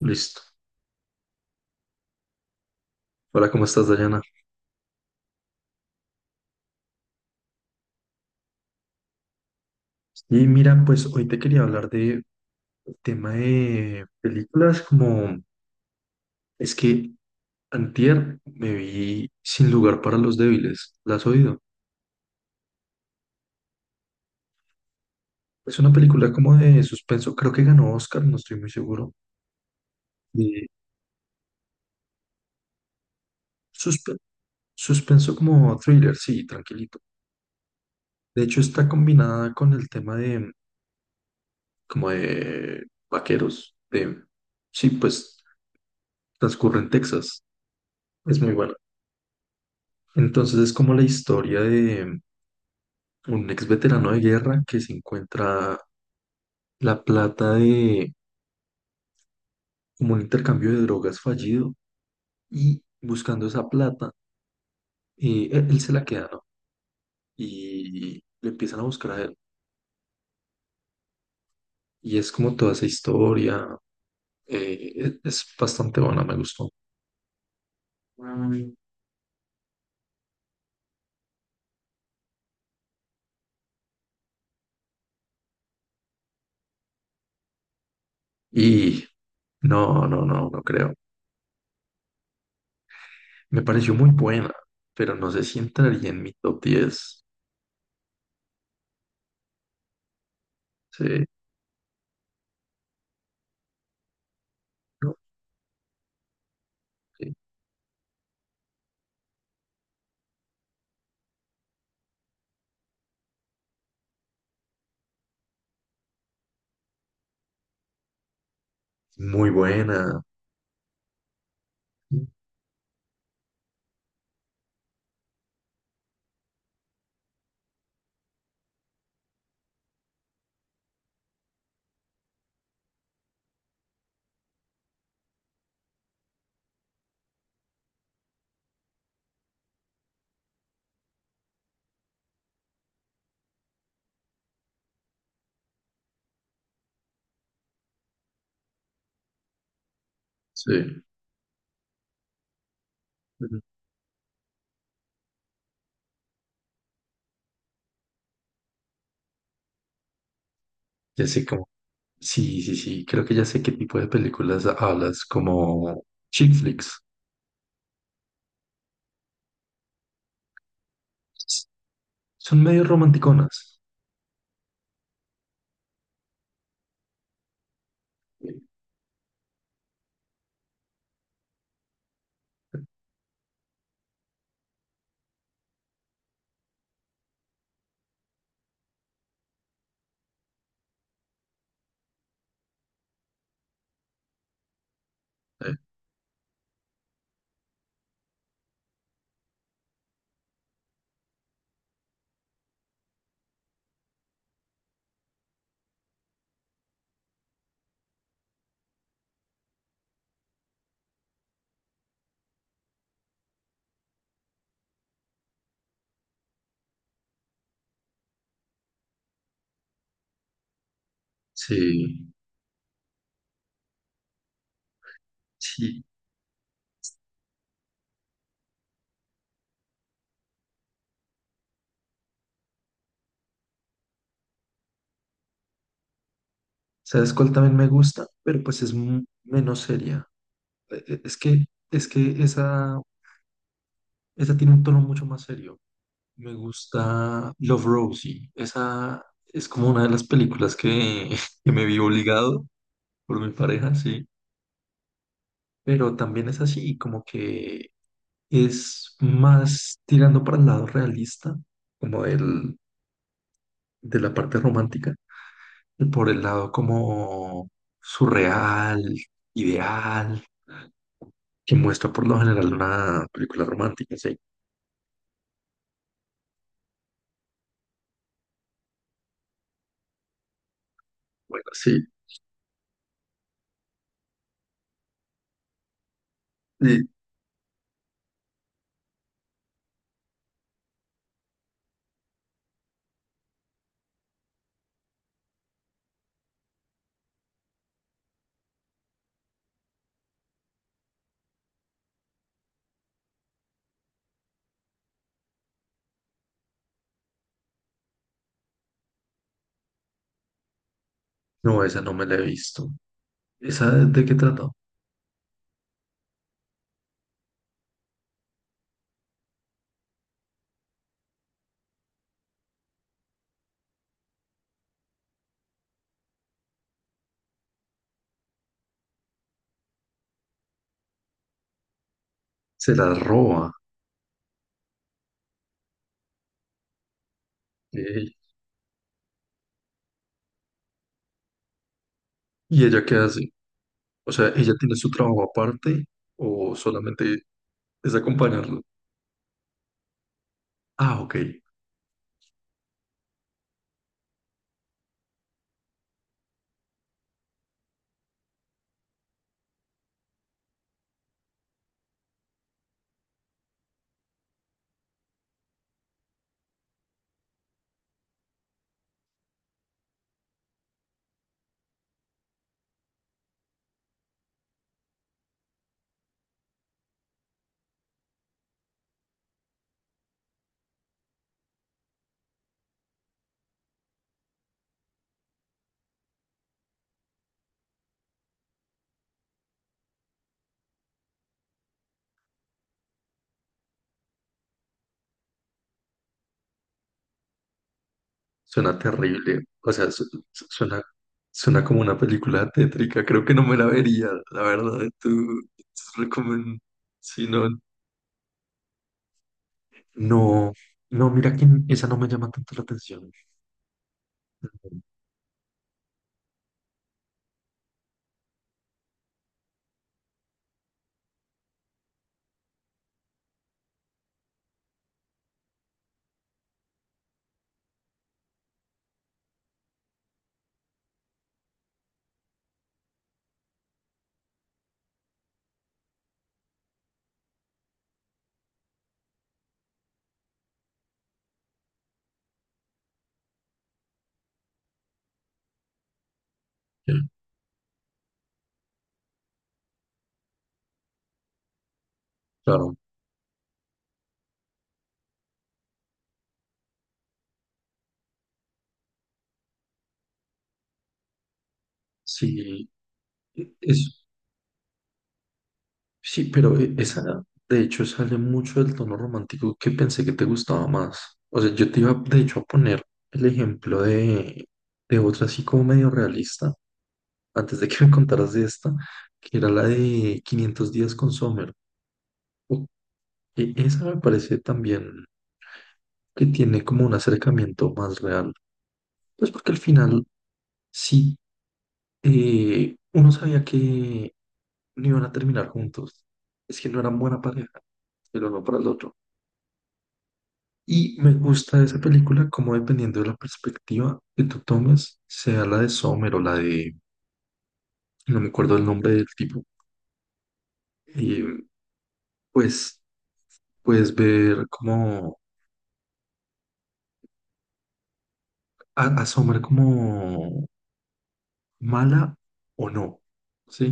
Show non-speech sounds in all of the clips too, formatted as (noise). Listo. Hola, ¿cómo estás, Dayana? Y mira, pues hoy te quería hablar de tema de películas, como es que antier me vi Sin lugar para los débiles. ¿La has oído? Es una película como de suspenso, creo que ganó Oscar, no estoy muy seguro. De suspe- suspenso como thriller, sí, tranquilito. De hecho, está combinada con el tema de como de vaqueros, de sí, pues transcurre en Texas. Es muy buena. Entonces es como la historia de un ex veterano de guerra que se encuentra la plata de como un intercambio de drogas fallido y buscando esa plata, él se la queda, ¿no? Y le empiezan a buscar a él. Y es como toda esa historia, es bastante buena, me gustó. Mm. Y no, no, no, no creo. Me pareció muy buena, pero no sé si entraría en mi top 10. Sí, no, sí. Muy buena. Sí. Ujú. Ya sé cómo. Sí, sí, sí. Creo que ya sé qué tipo de películas hablas, como chick flicks. S- Son medio romanticonas. Eh, Sí, sí. ¿Sabes cuál también me gusta? Pero pues es menos seria. Eh, eh, Es que, es que esa tiene un tono mucho más serio. Me gusta Love, Rosie. Esa es como una de las películas que, (laughs) que me vi obligado por mi pareja, sí. Pero también es así, como que es más tirando para el lado realista, como del, de la parte romántica, y por el lado como surreal, ideal, que muestra por lo general una película romántica, sí. Bueno, sí. Y no, esa no me la he visto. ¿Esa de qué trata? Se la roba. Ey. ¿Y ella qué hace? O sea, ¿ella tiene su trabajo aparte o solamente es acompañarlo? Ah, ok. Suena terrible, o sea, suena, suena como una película tétrica, creo que no me la vería, la verdad, tú recomiendo, si no, no, no, mira que esa no me llama tanto la atención. Ya, claro, sí, es, sí, pero esa de hecho sale mucho del tono romántico que pensé que te gustaba más. O sea, yo te iba de hecho a poner el ejemplo de otra así como medio realista antes de que me contaras de esta, que era la de 500 días con Summer. O- Esa me parece también que tiene como un acercamiento más real. Pues porque al final sí, uno sabía que no iban a terminar juntos. Es que no eran buena pareja, el uno para el otro. Y me gusta de esa película como dependiendo de la perspectiva que tú tomes, sea la de Sommer o la de, no me acuerdo el nombre del tipo, eh, pues puedes ver como asombra como mala o no, ¿sí?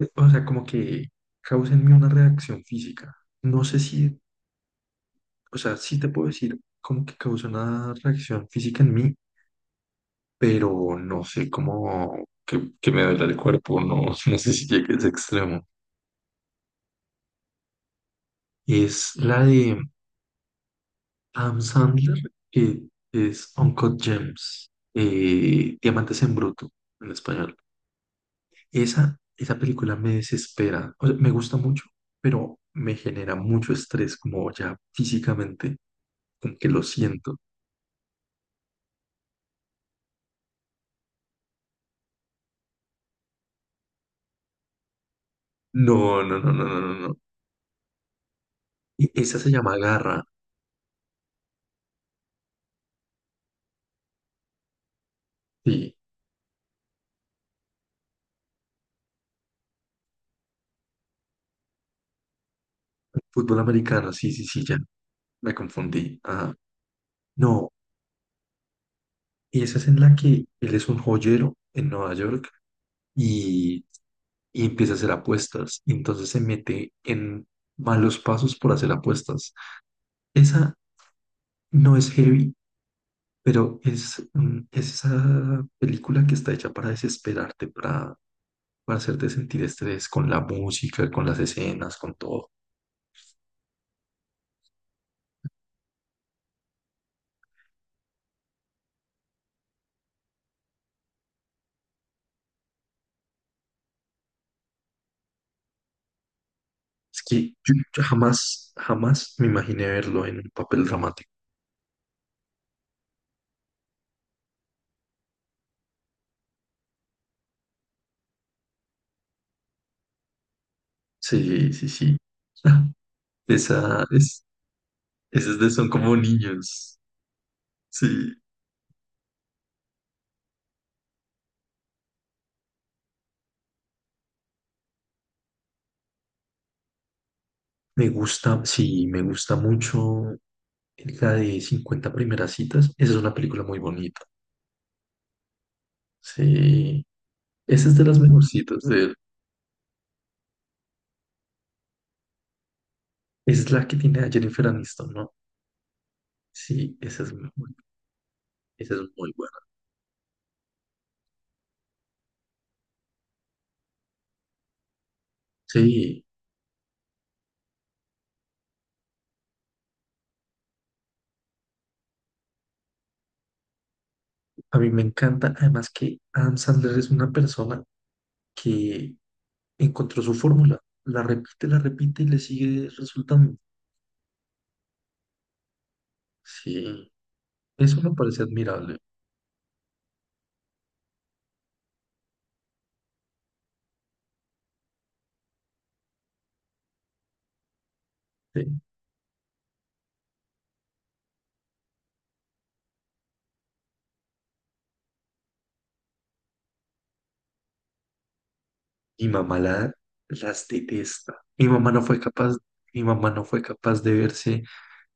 O sea, como que causa en mí una reacción física. No sé si, o sea, sí te puedo decir como que causa una reacción física en mí, pero no sé cómo que me duele el cuerpo, no, (laughs) no sé si llegue a ese extremo. Es la de Adam Sandler, que es Uncut Gems, Diamantes en Bruto en español. Esa película me desespera. O sea, me gusta mucho, pero me genera mucho estrés, como ya físicamente, como que lo siento. No, no, no, no, no, no, no. Y esa se llama Garra. Sí, fútbol americano, sí, sí, sí, ya. Me confundí. Ajá. No, y esa es en la que él es un joyero en Nueva York y, y empieza a hacer apuestas. Y entonces se mete en malos pasos por hacer apuestas. Esa no es heavy. Pero es, mm, es esa película que está hecha para desesperarte, para hacerte sentir estrés con la música, con las escenas, con todo. Es que yo jamás, jamás me imaginé verlo en un papel dramático. Sí, sí, sí. Ah, esa es, esas de son como niños. Sí. Me gusta, sí, me gusta mucho la de 50 primeras citas. Esa es una película muy bonita. Sí. Esa es de las mejorcitas de él. Esa es la que tiene a Jennifer Aniston, ¿no? Sí, esa es muy buena. Sí, a mí me encanta. Además que Adam Sandler es una persona que encontró su fórmula, la repite y le sigue resultando. Sí, eso me parece admirable. Sí. Mi mamá la- las detesta. Mi mamá no fue capaz, mi mamá no fue capaz de verse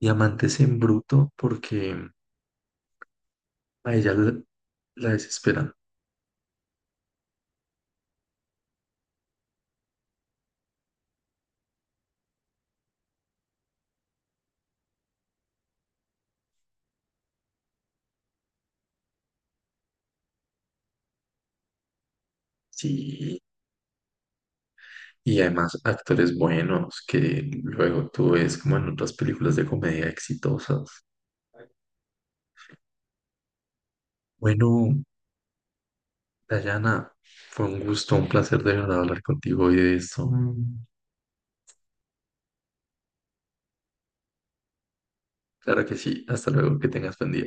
Diamantes en Bruto porque a ella la, la desesperan. Sí. Y además actores buenos que luego tú ves como en otras películas de comedia exitosas. Bueno, Dayana, fue un gusto, un placer de verdad hablar contigo hoy de esto. Mm. Claro que sí, hasta luego, que tengas buen día.